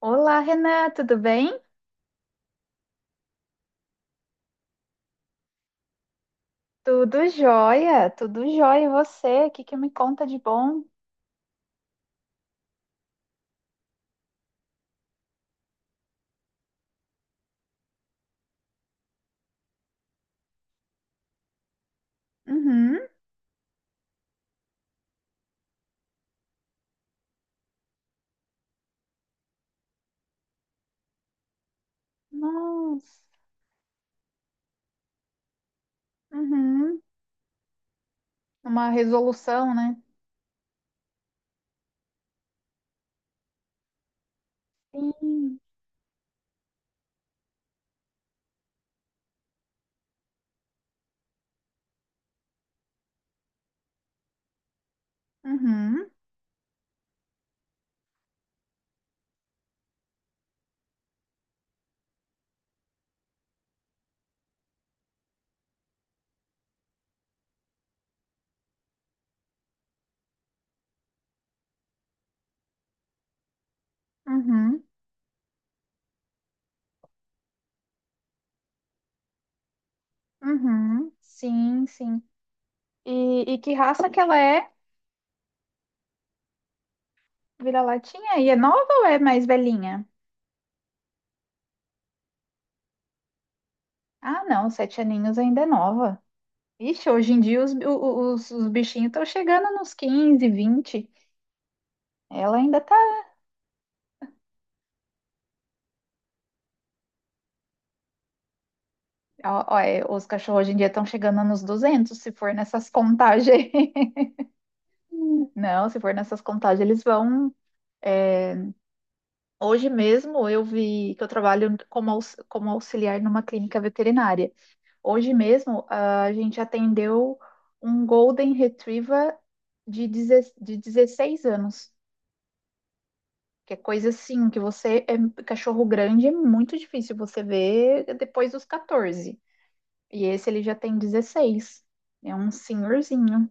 Olá, Renan, tudo bem? Tudo jóia, tudo jóia. E você? O que que me conta de bom? Uhum. Nossa. Uhum. Uma resolução, né? Sim. Uhum. Uhum. Uhum. Sim, sim. E que raça que ela é? Vira-latinha? E é nova ou é mais velhinha? Ah, não, 7 aninhos ainda é nova. Ixi, hoje em dia os bichinhos estão chegando nos 15, 20. Ela ainda tá. Ó, ó, é, os cachorros hoje em dia estão chegando nos 200, se for nessas contagens. Não, se for nessas contagens, eles vão. É, hoje mesmo eu vi que eu trabalho como auxiliar numa clínica veterinária. Hoje mesmo a gente atendeu um Golden Retriever de 16 anos. Que é coisa assim, que você é cachorro grande, é muito difícil você ver depois dos 14. E esse ele já tem 16. É um senhorzinho.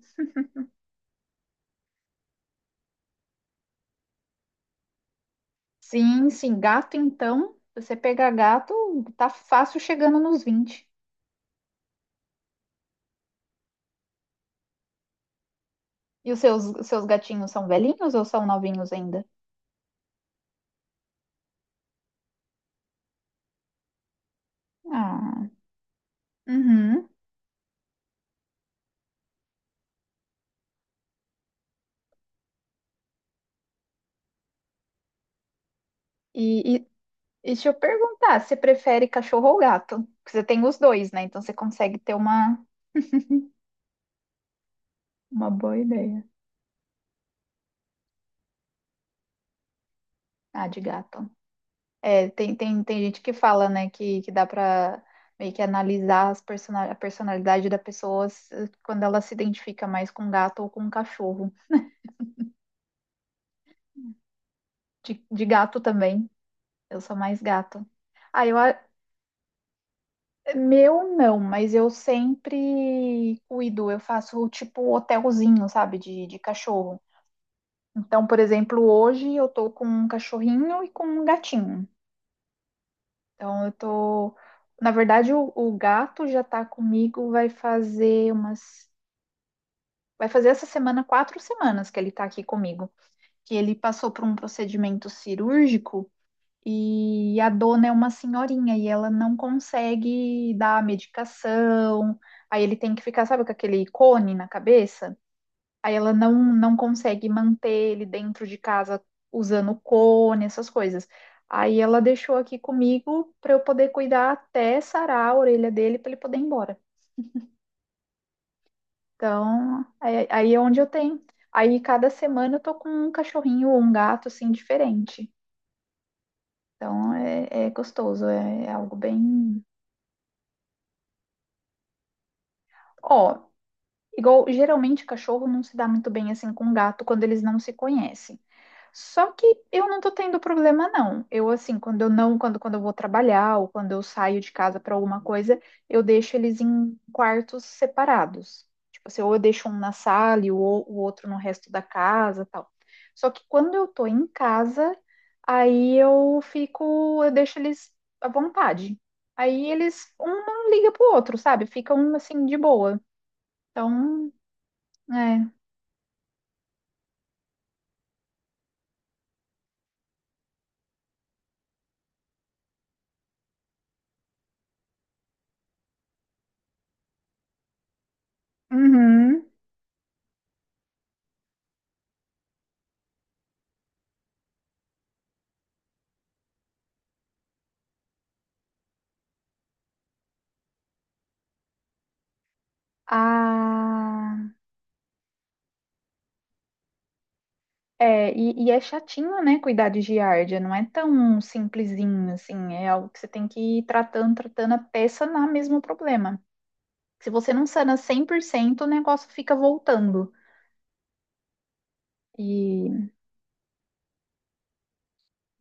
Sim, sim. Gato, então, se você pegar gato, tá fácil chegando nos 20. E os seus gatinhos são velhinhos ou são novinhos ainda? Ah, uhum. E deixa eu perguntar, você prefere cachorro ou gato? Porque você tem os dois, né? Então você consegue ter uma boa ideia. Ah, de gato. É, tem gente que fala, né, que dá pra meio que analisar a personalidade da pessoa quando ela se identifica mais com gato ou com cachorro. De gato também, eu sou mais gato. Ah, meu não, mas eu sempre cuido, eu faço tipo hotelzinho, sabe, de cachorro. Então, por exemplo, hoje eu tô com um cachorrinho e com um gatinho. Então, eu tô. Na verdade, o gato já tá comigo, vai fazer essa semana 4 semanas que ele tá aqui comigo. Que ele passou por um procedimento cirúrgico e a dona é uma senhorinha e ela não consegue dar a medicação. Aí ele tem que ficar, sabe, com aquele cone na cabeça? Aí ela não, não consegue manter ele dentro de casa usando cone, essas coisas. Aí ela deixou aqui comigo para eu poder cuidar até sarar a orelha dele para ele poder ir embora. Então, aí, aí é onde eu tenho. Aí cada semana eu tô com um cachorrinho ou um gato assim diferente. Então é gostoso, é algo bem. Ó, igual, geralmente, cachorro não se dá muito bem assim com gato quando eles não se conhecem. Só que eu não tô tendo problema, não. Eu, assim, quando eu não, quando, quando eu vou trabalhar ou quando eu saio de casa para alguma coisa, eu deixo eles em quartos separados. Tipo assim, ou eu deixo um na sala e o outro no resto da casa, tal. Só que quando eu tô em casa, aí eu fico, eu deixo eles à vontade. Aí eles, um não liga pro outro, sabe? Ficam, assim, de boa. Então, é. Uhum. Ah, é, e é chatinho, né, cuidar de giardia, não é tão simplesinho assim, é algo que você tem que ir tratando, tratando a peça na mesmo problema. Se você não sana 100% o negócio fica voltando. E,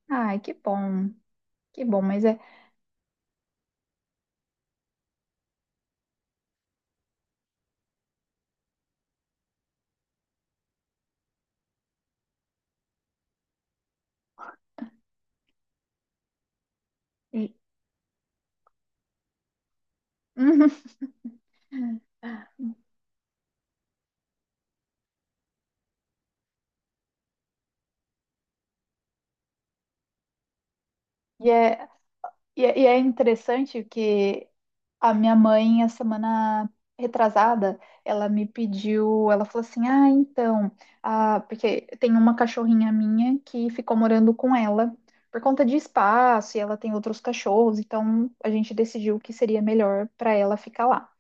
ai, que bom, mas é. Uhum. E é, é interessante que a minha mãe, a semana retrasada, ela me pediu, ela falou assim: Ah, então, ah, porque tem uma cachorrinha minha que ficou morando com ela por conta de espaço e ela tem outros cachorros, então a gente decidiu que seria melhor para ela ficar lá.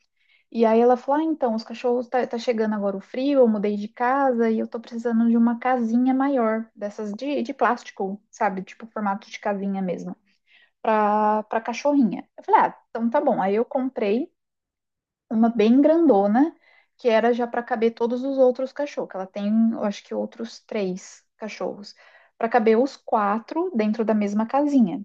E aí ela falou: Ah, então, os cachorros tá chegando agora o frio, eu mudei de casa e eu tô precisando de uma casinha maior, dessas de plástico, sabe? Tipo, formato de casinha mesmo, pra cachorrinha. Eu falei: Ah, então tá bom. Aí eu comprei uma bem grandona, que era já para caber todos os outros cachorros, que ela tem, eu acho que outros três cachorros, para caber os quatro dentro da mesma casinha.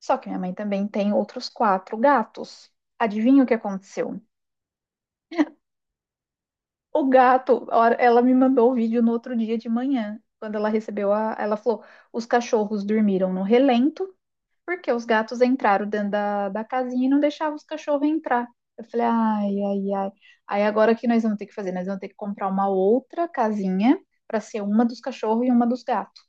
Só que minha mãe também tem outros quatro gatos. Adivinha o que aconteceu? O gato, ela me mandou o vídeo no outro dia de manhã, quando ela recebeu ela falou, os cachorros dormiram no relento. Porque os gatos entraram dentro da casinha e não deixavam os cachorros entrar. Eu falei, ai, ai, ai. Aí agora o que nós vamos ter que fazer? Nós vamos ter que comprar uma outra casinha para ser uma dos cachorros e uma dos gatos.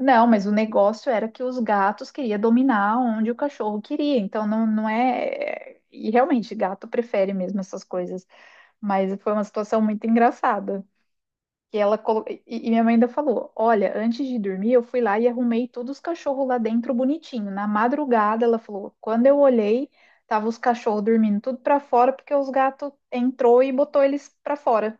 Não, mas o negócio era que os gatos queriam dominar onde o cachorro queria. Então não, não é. E realmente, gato prefere mesmo essas coisas. Mas foi uma situação muito engraçada. Que ela colo... e minha mãe ainda falou: Olha, antes de dormir, eu fui lá e arrumei todos os cachorros lá dentro bonitinho. Na madrugada, ela falou: Quando eu olhei, tava os cachorros dormindo tudo pra fora, porque os gatos entrou e botou eles pra fora.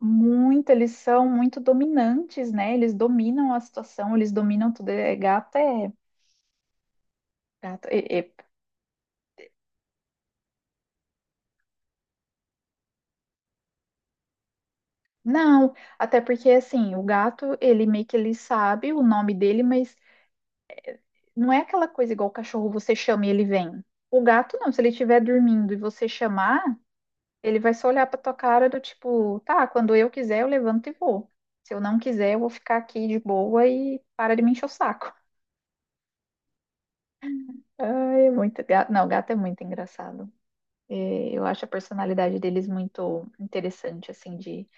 Muito, eles são muito dominantes, né? Eles dominam a situação, eles dominam tudo. É, gato é. Gato é. Não, até porque assim, o gato, ele meio que ele sabe o nome dele, mas não é aquela coisa igual o cachorro, você chama e ele vem. O gato não, se ele estiver dormindo e você chamar, ele vai só olhar pra tua cara do tipo, tá, quando eu quiser eu levanto e vou. Se eu não quiser, eu vou ficar aqui de boa e para de me encher o saco. Ai, é muito gato. Não, o gato é muito engraçado. É, eu acho a personalidade deles muito interessante, assim, de,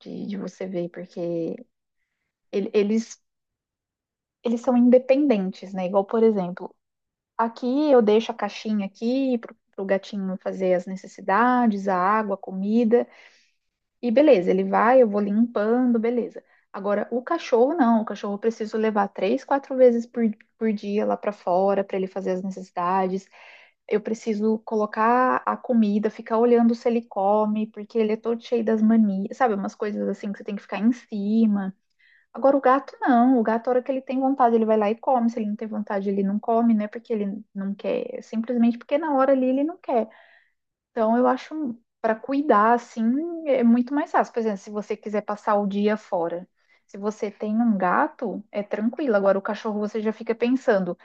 de, de você ver, porque ele- eles, eles são independentes, né? Igual, por exemplo, aqui eu deixo a caixinha aqui pro gatinho fazer as necessidades, a água, a comida, e beleza, ele vai, eu vou limpando, beleza. Agora, o cachorro não, o cachorro eu preciso levar três, quatro vezes por dia lá para fora para ele fazer as necessidades. Eu preciso colocar a comida, ficar olhando se ele come, porque ele é todo cheio das manias, sabe? Umas coisas assim que você tem que ficar em cima. Agora, o gato não. O gato, a hora que ele tem vontade, ele vai lá e come. Se ele não tem vontade, ele não come, não é porque ele não quer, é simplesmente porque na hora ali ele não quer. Então, eu acho, para cuidar, assim, é muito mais fácil. Por exemplo, se você quiser passar o dia fora. Se você tem um gato, é tranquilo. Agora, o cachorro, você já fica pensando.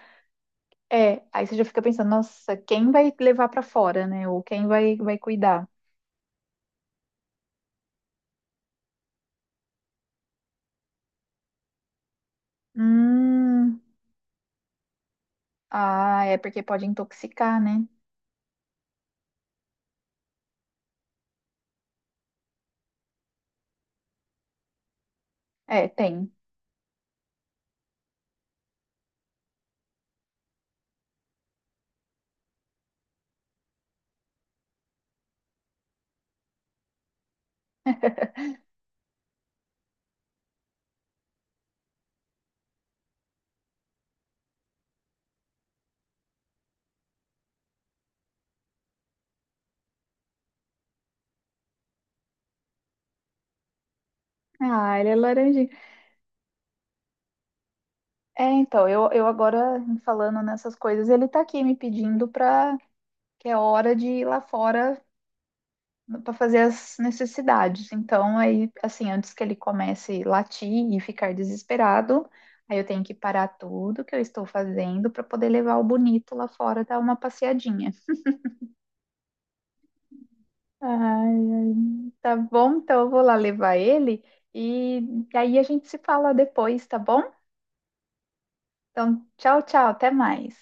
É, aí você já fica pensando, nossa, quem vai levar para fora, né? Ou quem vai cuidar? Hum, ah, é porque pode intoxicar, né? É, tem. Ah, ele é laranjinha. É, então, eu agora falando nessas coisas, ele tá aqui me pedindo pra que é hora de ir lá fora pra fazer as necessidades. Então, aí, assim, antes que ele comece a latir e ficar desesperado, aí eu tenho que parar tudo que eu estou fazendo pra poder levar o bonito lá fora dar uma passeadinha. Ai, ai, tá bom, então eu vou lá levar ele e aí a gente se fala depois, tá bom? Então, tchau, tchau, até mais.